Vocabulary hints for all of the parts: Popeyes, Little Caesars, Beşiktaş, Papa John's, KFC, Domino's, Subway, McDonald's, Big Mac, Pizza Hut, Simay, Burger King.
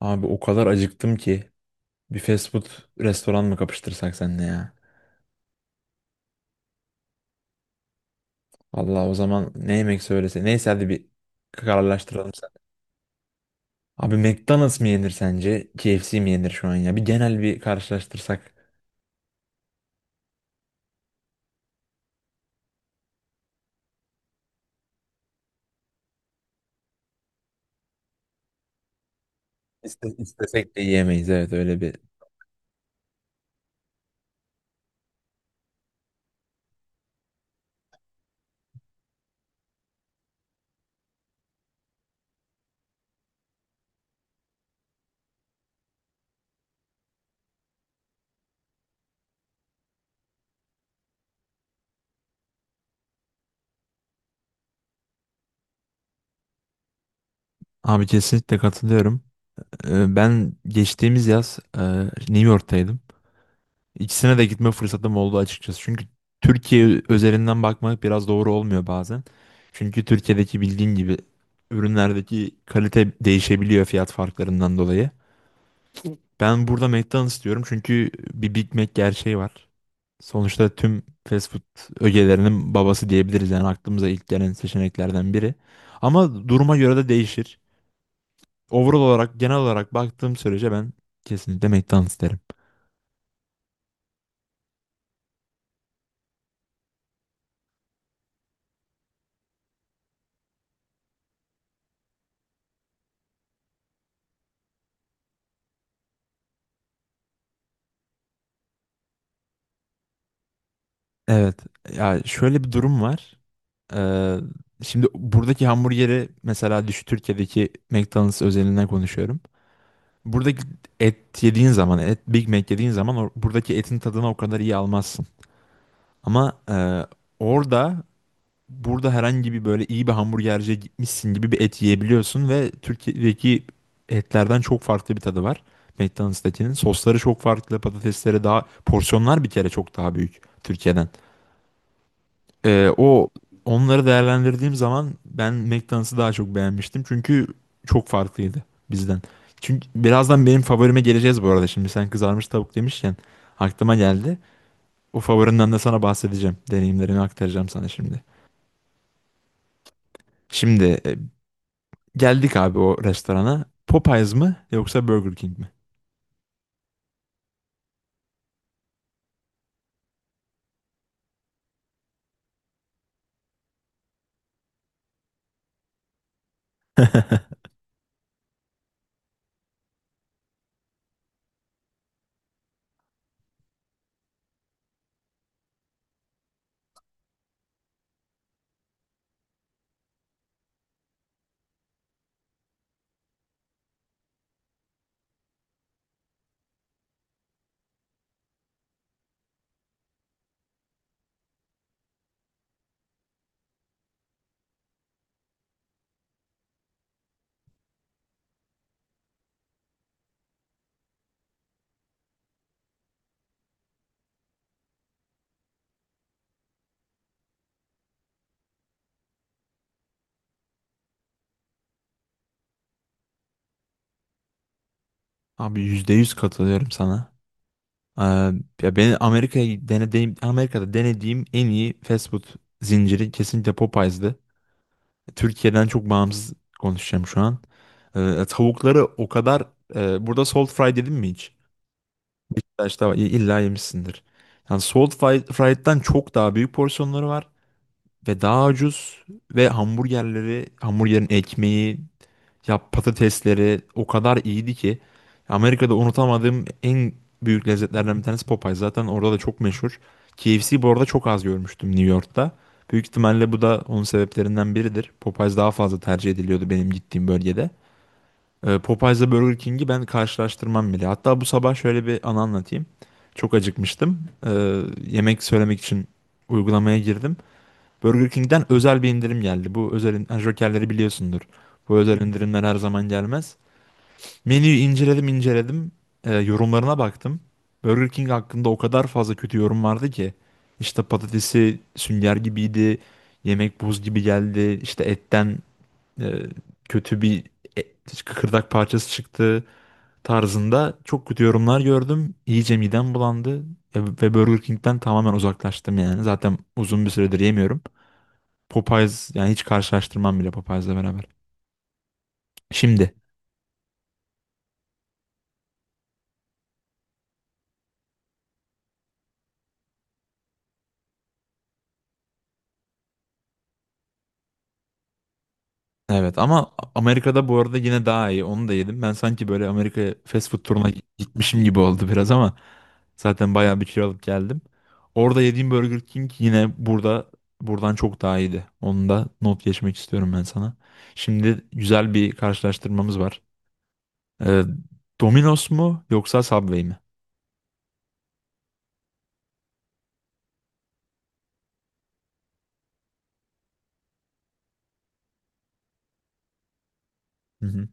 Abi o kadar acıktım ki bir fast food restoran mı kapıştırsak seninle ya? Allah o zaman ne yemek söylese. Neyse hadi bir kararlaştıralım sen. Abi McDonald's mı yenir sence? KFC mi yenir şu an ya? Bir genel bir karşılaştırsak. İstesek de yiyemeyiz, evet, öyle bir. Abi kesinlikle katılıyorum. Ben geçtiğimiz yaz New York'taydım. İkisine de gitme fırsatım oldu açıkçası. Çünkü Türkiye özelinden bakmak biraz doğru olmuyor bazen. Çünkü Türkiye'deki bildiğin gibi ürünlerdeki kalite değişebiliyor fiyat farklarından dolayı. Ben burada McDonald's diyorum çünkü bir Big Mac gerçeği var. Sonuçta tüm fast food ögelerinin babası diyebiliriz, yani aklımıza ilk gelen seçeneklerden biri. Ama duruma göre de değişir. Overall olarak, genel olarak baktığım sürece ben kesinlikle McDonald's derim. Evet. Ya şöyle bir durum var. Ee, Şimdi buradaki hamburgeri mesela düşün, Türkiye'deki McDonald's özelinden konuşuyorum. Buradaki et yediğin zaman, et Big Mac yediğin zaman buradaki etin tadını o kadar iyi almazsın. Ama orada, burada herhangi bir böyle iyi bir hamburgerciye gitmişsin gibi bir et yiyebiliyorsun ve Türkiye'deki etlerden çok farklı bir tadı var. McDonald's'takinin sosları çok farklı, patatesleri daha, porsiyonlar bir kere çok daha büyük Türkiye'den. O onları değerlendirdiğim zaman ben McDonald's'ı daha çok beğenmiştim çünkü çok farklıydı bizden. Çünkü birazdan benim favorime geleceğiz bu arada. Şimdi sen kızarmış tavuk demişken aklıma geldi. O favorinden de sana bahsedeceğim. Deneyimlerimi aktaracağım sana şimdi. Şimdi e, Geldik abi o restorana. Popeyes mı yoksa Burger King mi? Abi %100 katılıyorum sana. Ee, Ya beni Amerika'ya denediğim, Amerika'da denediğim en iyi fast food zinciri kesinlikle Popeyes'di. Türkiye'den çok bağımsız konuşacağım şu an. Tavukları o kadar burada salt fry dedim mi hiç? Beşiktaş'ta var. İlla yemişsindir. Yani fried'den çok daha büyük porsiyonları var ve daha ucuz ve hamburgerleri, hamburgerin ekmeği, ya patatesleri o kadar iyiydi ki Amerika'da unutamadığım en büyük lezzetlerden bir tanesi Popeyes. Zaten orada da çok meşhur. KFC bu arada çok az görmüştüm New York'ta. Büyük ihtimalle bu da onun sebeplerinden biridir. Popeyes daha fazla tercih ediliyordu benim gittiğim bölgede. Popeyes'la Burger King'i ben karşılaştırmam bile. Hatta bu sabah şöyle bir anı anlatayım. Çok acıkmıştım. Yemek söylemek için uygulamaya girdim. Burger King'den özel bir indirim geldi. Ha, Jokerleri biliyorsundur. Bu özel indirimler her zaman gelmez. Menüyü inceledim inceledim. E, yorumlarına baktım. Burger King hakkında o kadar fazla kötü yorum vardı ki. İşte patatesi sünger gibiydi. Yemek buz gibi geldi. İşte e, kötü bir et, kıkırdak parçası çıktı tarzında çok kötü yorumlar gördüm. İyice midem bulandı. E, ve Burger King'den tamamen uzaklaştım yani. Zaten uzun bir süredir yemiyorum. Popeyes, yani hiç karşılaştırmam bile Popeyes'le beraber. Şimdi evet, ama Amerika'da bu arada yine daha iyi. Onu da yedim. Ben sanki böyle Amerika fast food turuna gitmişim gibi oldu biraz ama zaten bayağı bir kilo alıp geldim. Orada yediğim Burger King yine buradan çok daha iyiydi. Onu da not geçmek istiyorum ben sana. Şimdi güzel bir karşılaştırmamız var. Ee, Domino's mu yoksa Subway mi? Hı hı.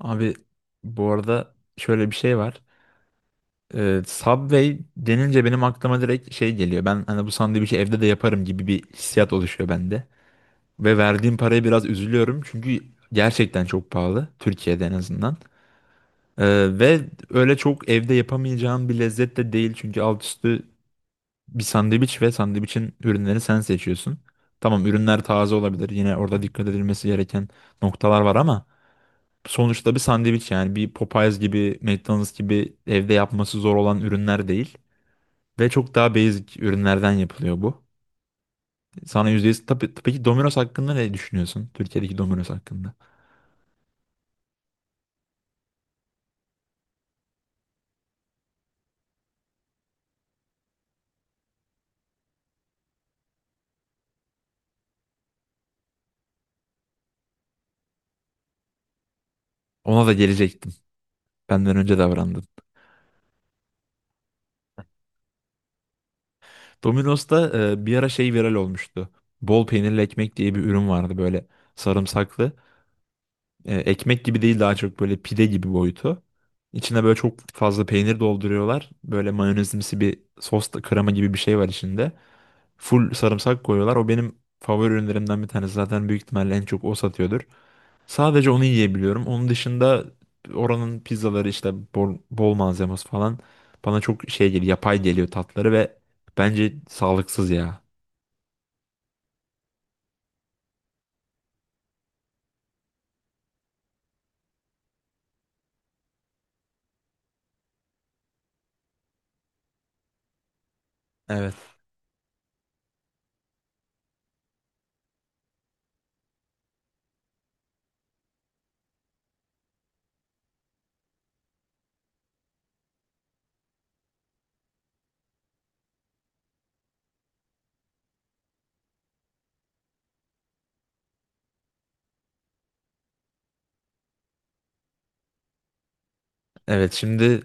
Abi bu arada şöyle bir şey var. Subway denince benim aklıma direkt şey geliyor. Ben hani bu sandviçi evde de yaparım gibi bir hissiyat oluşuyor bende. Ve verdiğim paraya biraz üzülüyorum çünkü gerçekten çok pahalı Türkiye'de en azından. Ve öyle çok evde yapamayacağın bir lezzet de değil çünkü alt üstü bir sandviç ve sandviçin ürünleri sen seçiyorsun. Tamam, ürünler taze olabilir, yine orada dikkat edilmesi gereken noktalar var, ama sonuçta bir sandviç, yani bir Popeyes gibi McDonald's gibi evde yapması zor olan ürünler değil. Ve çok daha basic ürünlerden yapılıyor bu. Sana %100 tabii ki Domino's hakkında ne düşünüyorsun? Türkiye'deki Domino's hakkında. Ona da gelecektim. Benden önce davrandın. Bir ara şey viral olmuştu. Bol peynirli ekmek diye bir ürün vardı, böyle sarımsaklı. E, ekmek gibi değil, daha çok böyle pide gibi boyutu. İçine böyle çok fazla peynir dolduruyorlar. Böyle mayonezimsi bir sos da, krema gibi bir şey var içinde. Full sarımsak koyuyorlar. O benim favori ürünlerimden bir tanesi. Zaten büyük ihtimalle en çok o satıyordur. Sadece onu yiyebiliyorum. Onun dışında oranın pizzaları, işte bol malzemesi falan, bana çok şey geliyor, yapay geliyor tatları ve bence sağlıksız ya. Evet. Evet, şimdi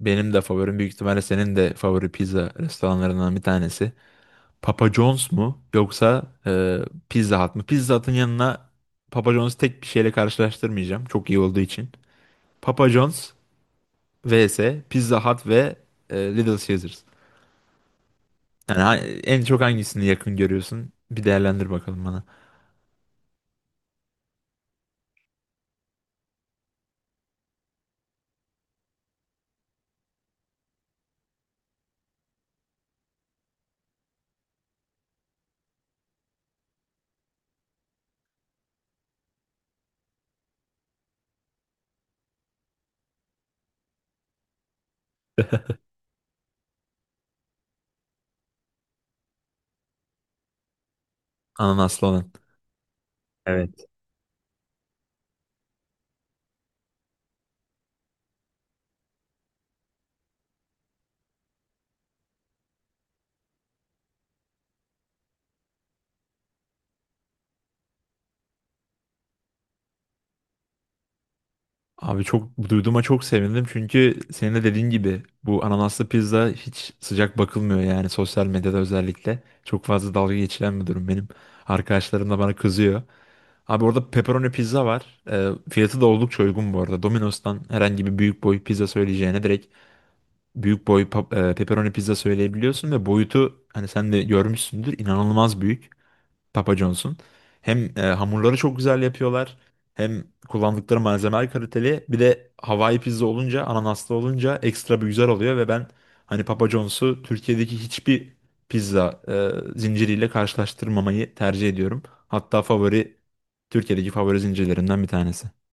benim de favorim, büyük ihtimalle senin de favori pizza restoranlarından bir tanesi. Papa John's mu yoksa Pizza Hut mu? Pizza Hut'ın yanına Papa John's tek bir şeyle karşılaştırmayacağım. Çok iyi olduğu için. Papa John's vs Pizza Hut ve Little Caesars. Yani ha- En çok hangisini yakın görüyorsun? Bir değerlendir bakalım bana. Ananaslı olan. Evet. Abi çok duyduğuma çok sevindim çünkü senin de dediğin gibi bu ananaslı pizza hiç sıcak bakılmıyor yani, sosyal medyada özellikle. Çok fazla dalga geçilen bir durum benim. Arkadaşlarım da bana kızıyor. Abi orada pepperoni pizza var. Fiyatı da oldukça uygun bu arada. Domino's'tan herhangi bir büyük boy pizza söyleyeceğine direkt büyük boy pepperoni pizza söyleyebiliyorsun ve boyutu, hani sen de görmüşsündür, inanılmaz büyük. Papa John's'un. Hem hamurları çok güzel yapıyorlar. Hem kullandıkları malzemeler kaliteli. Bir de Hawaii pizza olunca, ananaslı olunca, ekstra bir güzel oluyor ve ben hani Papa John's'u Türkiye'deki hiçbir pizza e, zinciriyle karşılaştırmamayı tercih ediyorum. Hatta favori, Türkiye'deki favori zincirlerimden bir tanesi.